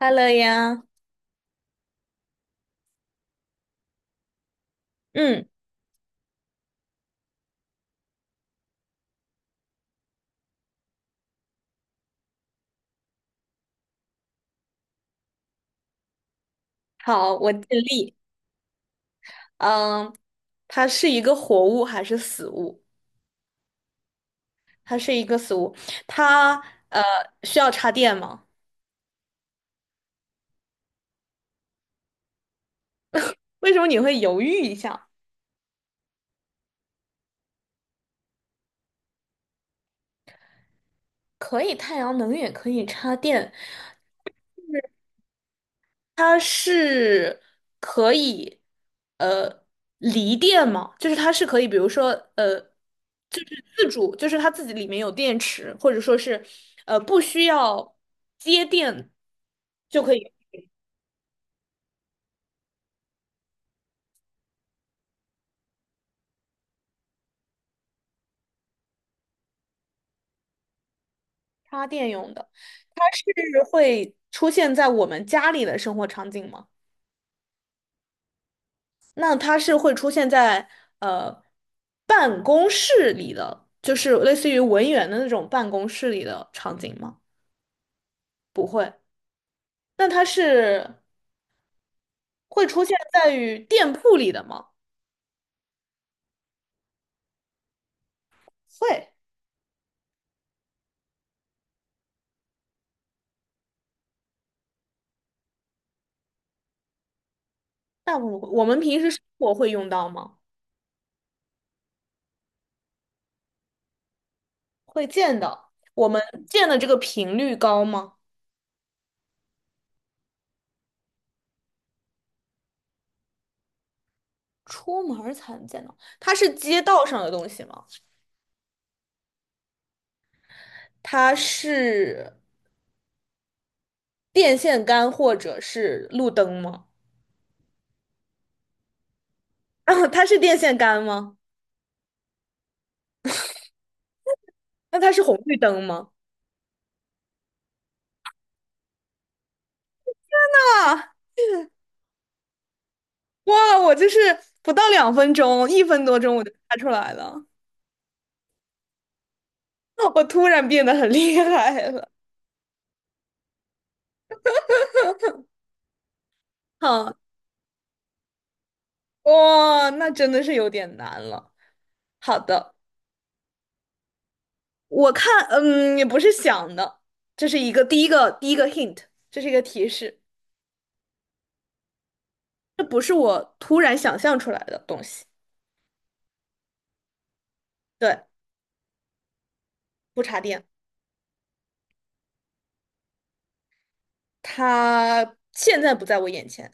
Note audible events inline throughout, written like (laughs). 哈喽呀，嗯，好，我尽力。嗯，它是一个活物还是死物？它是一个死物。它呃需要插电吗？为什么你会犹豫一下？可以太阳能也可以插电，它是可以呃离电吗？就是它是可以，比如说呃，就是自主，就是它自己里面有电池，或者说是不需要接电。就可以。插电用的，它是会出现在我们家里的生活场景吗？那它是会出现在呃办公室里的，就是类似于文员的那种办公室里的场景吗？不会。那它是会出现在于店铺里的吗？会。那我们平时生活会用到吗？会见到。我们见的这个频率高吗？出门儿才能见到。它是街道上的东西吗？它是。电线杆或者是路灯吗？啊，它是电线杆吗？那它是红绿灯吗？啊，哇，我就是不到2分钟，1分多钟我就猜出来了，(laughs) 我突然变得很厉害了。哈，哇，那真的是有点难了。好的，我看，嗯，也不是想的，这是一个第一个 hint，这是一个提示，这不是我突然想象出来的东西。对，不插电，它现在不在我眼前。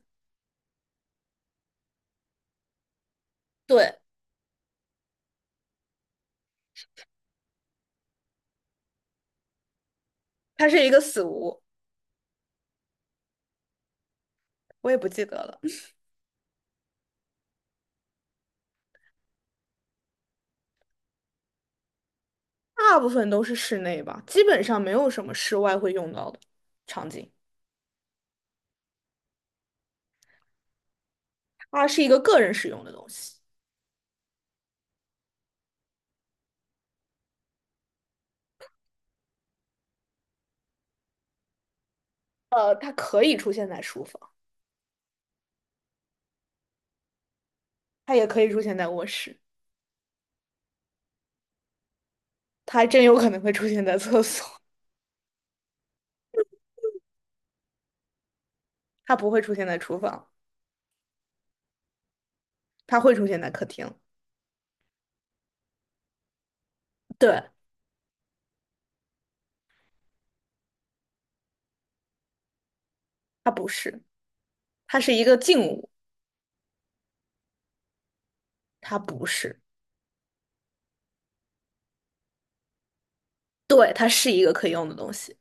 对。它是一个死屋，我也不记得了，大部分都是室内吧，基本上没有什么室外会用到的场景。它是一个个人使用的东西，它可以出现在书房，它也可以出现在卧室，它还真有可能会出现在厕所，它不会出现在厨房，它会出现在客厅。对，它不是，它是一个静物，它不是，对，它是一个可以用的东西，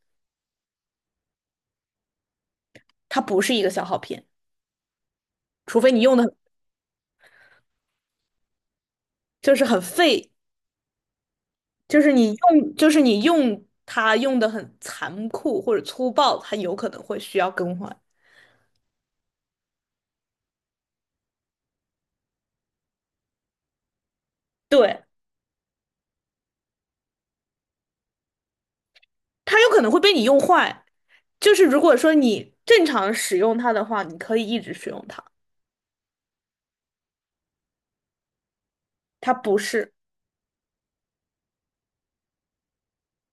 它不是一个消耗品，除非你用的就是很费就是你用，就是你用它用的很残酷或者粗暴，它有可能会需要更换。对，它有可能会被你用坏。就是如果说你正常使用它的话，你可以一直使用它。它不是，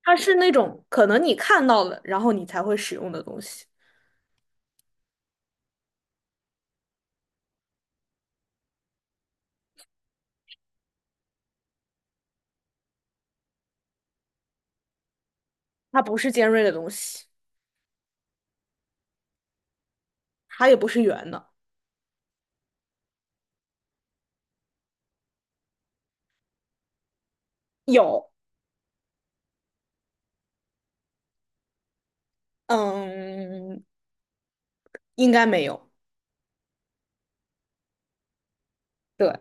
它是那种可能你看到了，然后你才会使用的东西。它不是尖锐的东西，它也不是圆的。有，嗯，应该没有。对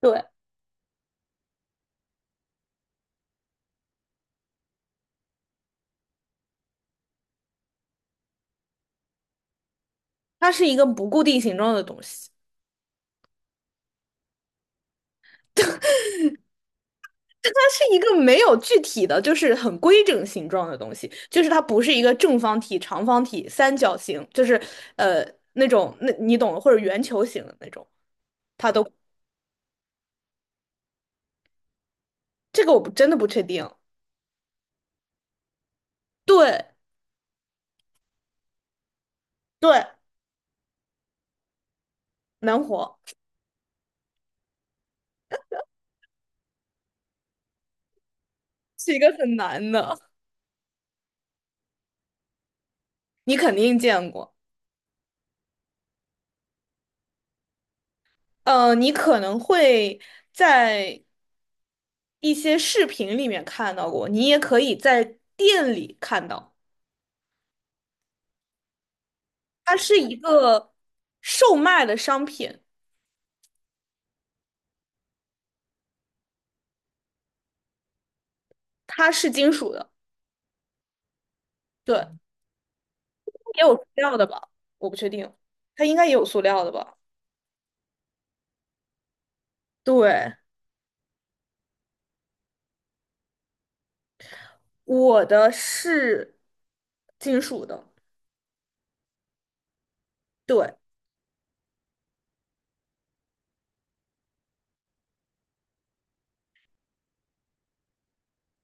对，它是一个不固定形状的东西。它是一个没有具体的，就是很规整形状的东西，就是它不是一个正方体、长方体、三角形，就是呃那种那你懂的，或者圆球形的那种，它都这个我不真的不确定。对对，难活 (laughs) 是一个很难的，你肯定见过。你可能会在一些视频里面看到过，你也可以在店里看到，它是一个售卖的商品，它是金属的。对，也有塑料的吧？我不确定，它应该也有塑料的吧？对，我的是金属的。对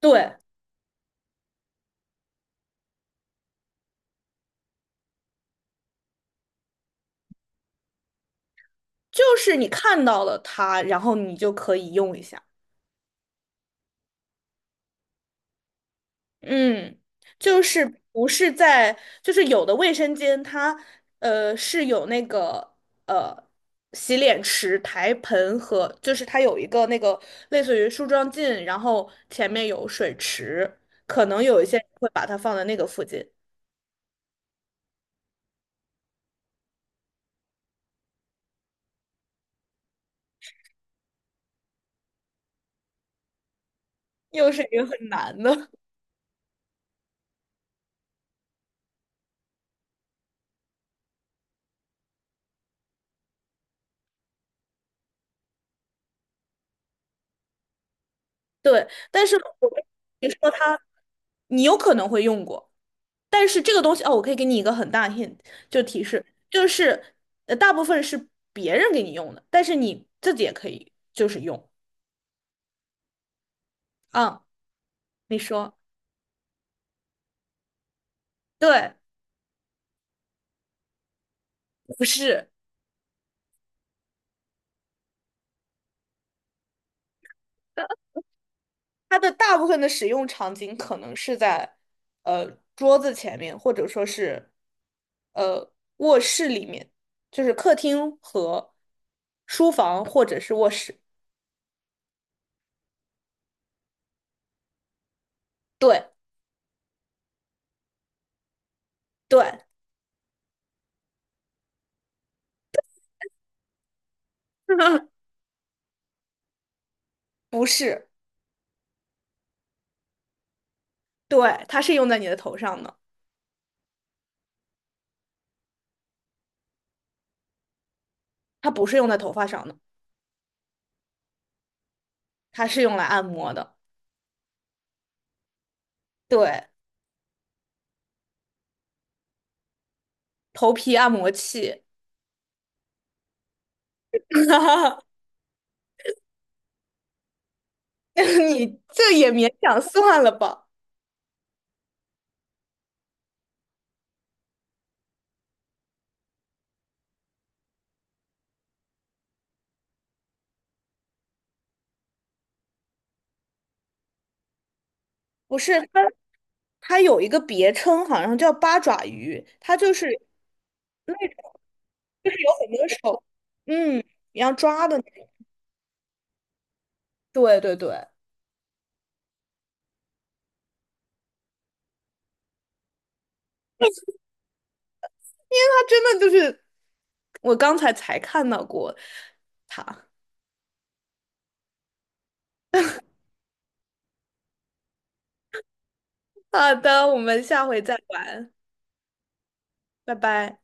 对，就是你看到了它，然后你就可以用一下。嗯，就是不是在，就是有的卫生间它是有那个呃洗脸池、台盆和，就是它有一个那个类似于梳妆镜，然后前面有水池，可能有一些人会把它放在那个附近。又是一个很难的。(laughs) 对，但是我跟你说它，你有可能会用过。但是这个东西哦，我可以给你一个很大的 hint，就提示，就是大部分是别人给你用的，但是你自己也可以就是用。嗯，你说对，不是，它的大部分的使用场景可能是在呃桌子前面，或者说是呃卧室里面，就是客厅和书房或者是卧室。对对，(laughs) 不是，对，它是用在你的头上的，它不是用在头发上的，它是用来按摩的，对，头皮按摩器，(laughs) 你这也勉强算了吧？不是，它有一个别称，好像叫八爪鱼，它就是那就是有很多手，嗯，你要抓的那个对对对，因为它真的就是我刚才才看到过它。好的，我们下回再玩，拜拜。